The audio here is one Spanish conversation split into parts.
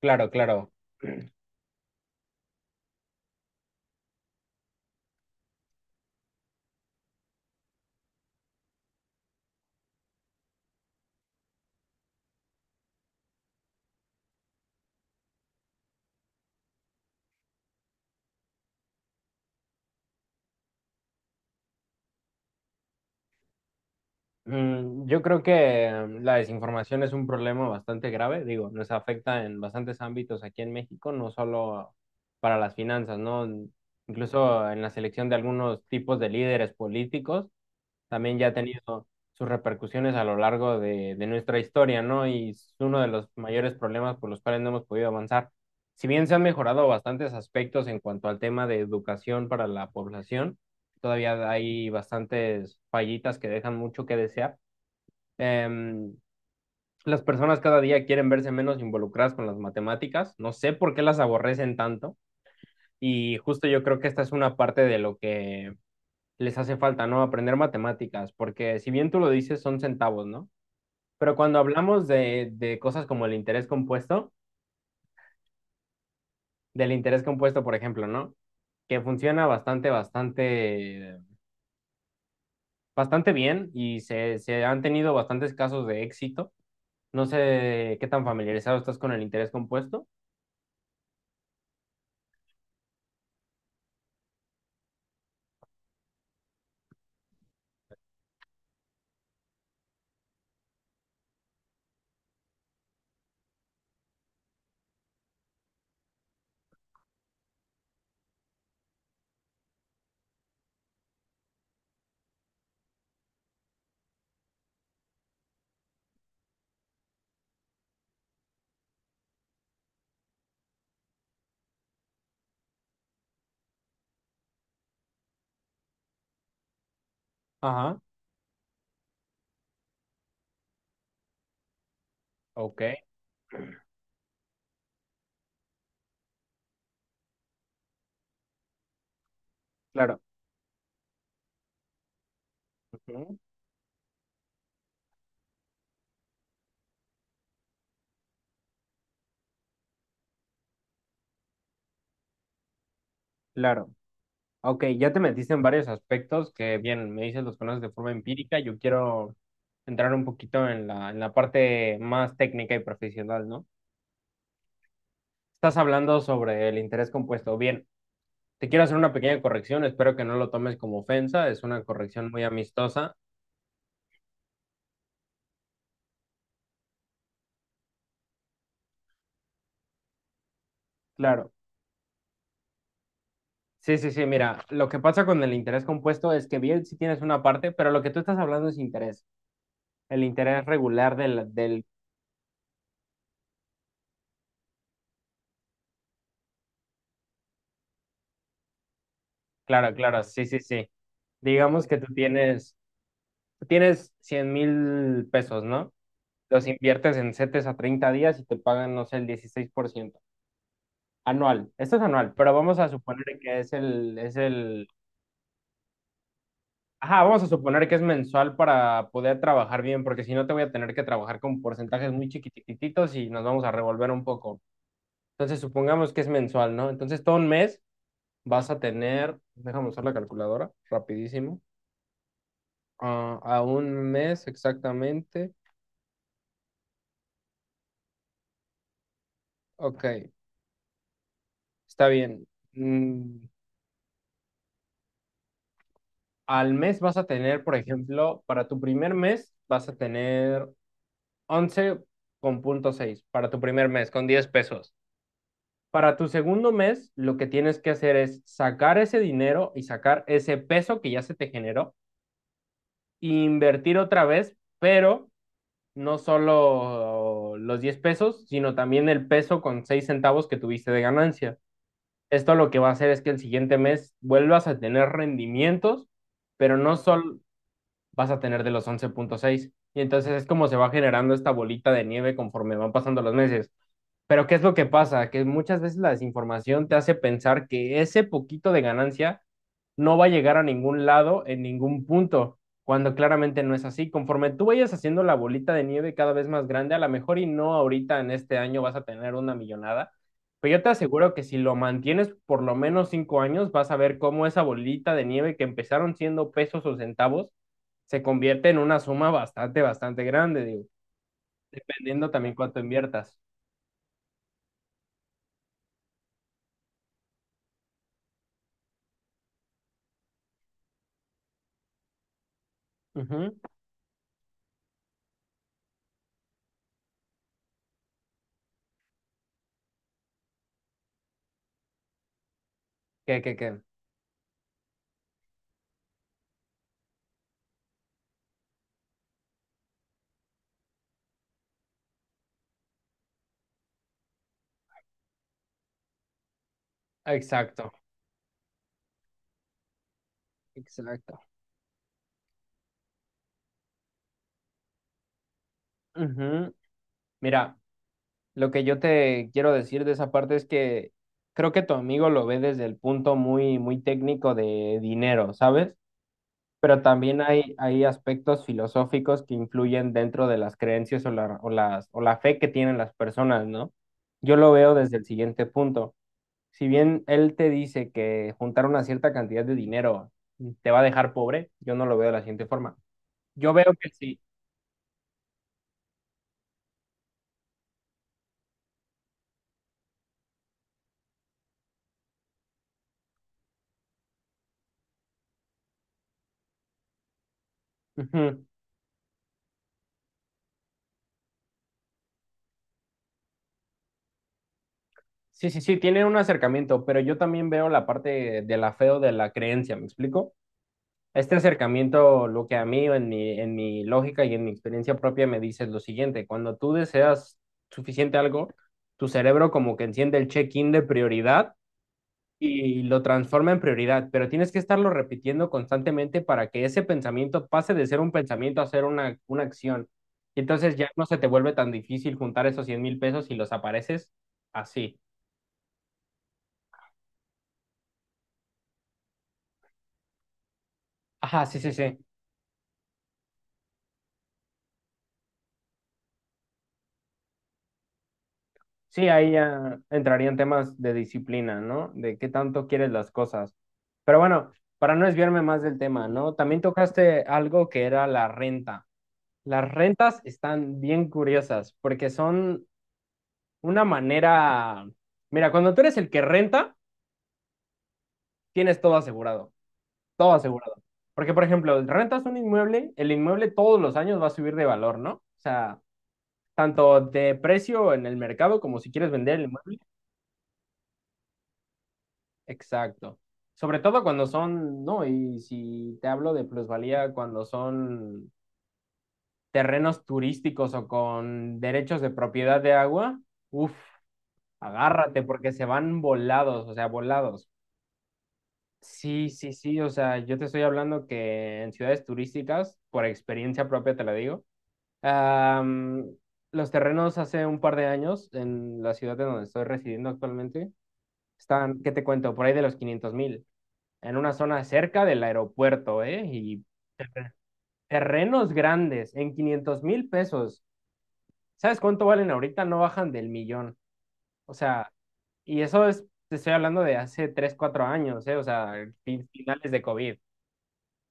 Claro, claro. Yo creo que la desinformación es un problema bastante grave, digo, nos afecta en bastantes ámbitos aquí en México, no solo para las finanzas, ¿no? Incluso en la selección de algunos tipos de líderes políticos, también ya ha tenido sus repercusiones a lo largo de nuestra historia, ¿no? Y es uno de los mayores problemas por los cuales no hemos podido avanzar. Si bien se han mejorado bastantes aspectos en cuanto al tema de educación para la población, todavía hay bastantes fallitas que dejan mucho que desear. Em, las personas cada día quieren verse menos involucradas con las matemáticas, no sé por qué las aborrecen tanto. Y justo yo creo que esta es una parte de lo que les hace falta, ¿no? Aprender matemáticas, porque si bien tú lo dices, son centavos, ¿no? Pero cuando hablamos de cosas como el interés compuesto, del interés compuesto, por ejemplo, ¿no? Que funciona bastante, bastante, bastante bien y se han tenido bastantes casos de éxito. No sé qué tan familiarizado estás con el interés compuesto. Ajá. Ok. Claro. Ujú. Claro. Ok, ya te metiste en varios aspectos que, bien, me dices los conoces de forma empírica. Yo quiero entrar un poquito en la parte más técnica y profesional, ¿no? Estás hablando sobre el interés compuesto. Bien, te quiero hacer una pequeña corrección. Espero que no lo tomes como ofensa. Es una corrección muy amistosa. Claro. Sí, sí, sí. Mira, lo que pasa con el interés compuesto es que, bien, sí tienes una parte, pero lo que tú estás hablando es interés. El interés regular del. Claro, claro. Sí, sí, sí. Digamos que tú tienes 100,000 pesos, ¿no? Los inviertes en CETES a 30 días y te pagan, no sé, el 16% anual. Esto es anual, pero vamos a suponer que es el. Ajá, vamos a suponer que es mensual para poder trabajar bien, porque si no te voy a tener que trabajar con porcentajes muy chiquititos y nos vamos a revolver un poco. Entonces, supongamos que es mensual, ¿no? Entonces, todo un mes vas a tener, déjame usar la calculadora, rapidísimo. Ah, a un mes exactamente. Ok, está bien. Mm, Al mes vas a tener, por ejemplo, para tu primer mes vas a tener 11.6 para tu primer mes con 10 pesos. Para tu segundo mes, lo que tienes que hacer es sacar ese dinero y sacar ese peso que ya se te generó e invertir otra vez, pero no solo los 10 pesos, sino también el peso con 6 centavos que tuviste de ganancia. Esto lo que va a hacer es que el siguiente mes vuelvas a tener rendimientos, pero no solo, vas a tener de los 11.6. Y entonces es como se va generando esta bolita de nieve conforme van pasando los meses. Pero ¿qué es lo que pasa? Que muchas veces la desinformación te hace pensar que ese poquito de ganancia no va a llegar a ningún lado en ningún punto, cuando claramente no es así. Conforme tú vayas haciendo la bolita de nieve cada vez más grande, a lo mejor y no ahorita en este año vas a tener una millonada, pero yo te aseguro que si lo mantienes por lo menos 5 años, vas a ver cómo esa bolita de nieve que empezaron siendo pesos o centavos se convierte en una suma bastante, bastante grande, digo, dependiendo también cuánto inviertas. Ujú. ¿Qué, qué, qué? Exacto, exacto. Ujú. Mira, lo que yo te quiero decir de esa parte es que creo que tu amigo lo ve desde el punto muy, muy técnico de dinero, ¿sabes? Pero también hay aspectos filosóficos que influyen dentro de las creencias o la fe que tienen las personas, ¿no? Yo lo veo desde el siguiente punto. Si bien él te dice que juntar una cierta cantidad de dinero te va a dejar pobre, yo no lo veo de la siguiente forma. Yo veo que sí. Sí, sí, sí, tienen un acercamiento, pero yo también veo la parte del afeo de la creencia, ¿me explico? Este acercamiento, lo que a mí, en mi lógica y en mi experiencia propia, me dice es lo siguiente, cuando tú deseas suficiente algo, tu cerebro como que enciende el check-in de prioridad y lo transforma en prioridad, pero tienes que estarlo repitiendo constantemente para que ese pensamiento pase de ser un pensamiento a ser una acción. Y entonces ya no se te vuelve tan difícil juntar esos 100,000 pesos y los apareces así. Ajá, sí, sí, sí. Sí, ahí ya entrarían temas de disciplina, ¿no? De qué tanto quieres las cosas. Pero bueno, para no desviarme más del tema, ¿no? También tocaste algo que era la renta. Las rentas están bien curiosas porque son una manera. Mira, cuando tú eres el que renta, tienes todo asegurado, todo asegurado. Porque, por ejemplo, rentas un inmueble, el inmueble todos los años va a subir de valor, ¿no? O sea, tanto de precio en el mercado como si quieres vender el inmueble. Exacto. Sobre todo cuando son, no, y si te hablo de plusvalía, cuando son terrenos turísticos o con derechos de propiedad de agua, uff, agárrate porque se van volados, o sea, volados. Sí, sí, sí, o sea, yo te estoy hablando que en ciudades turísticas, por experiencia propia te lo digo, am, los terrenos hace un par de años en la ciudad en donde estoy residiendo actualmente, están, ¿qué te cuento? Por ahí de los 500,000, en una zona cerca del aeropuerto, ¿eh? Y terrenos grandes en 500,000 pesos. ¿Sabes cuánto valen ahorita? No bajan del millón. O sea, y eso es, te estoy hablando de hace 3 4 años, ¿eh? O sea, finales de COVID.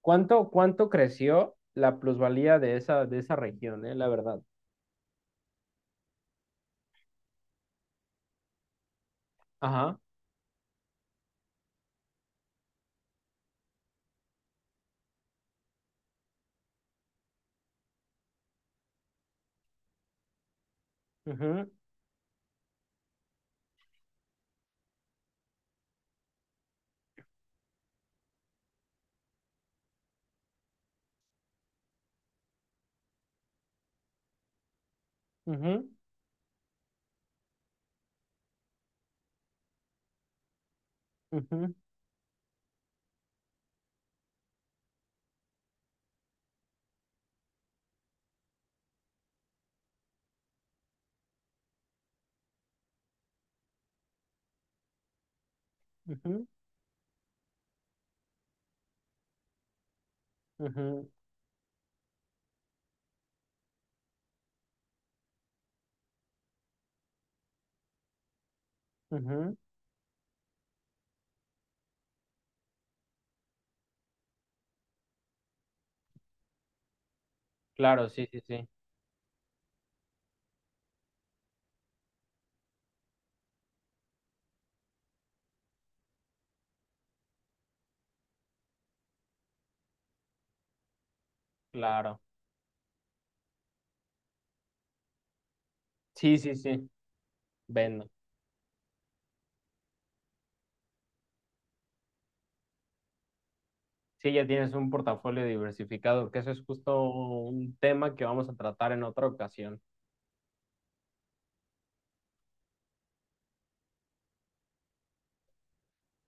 ¿Cuánto, cuánto creció la plusvalía de esa región, eh? La verdad. Ajá. Ujú, ujú, ujú, ujú, ujú, ujú. Claro, sí, sí, sí. Claro. Sí, sí, sí. Vendo. Sí, ya tienes un portafolio diversificado, que eso es justo un tema que vamos a tratar en otra ocasión.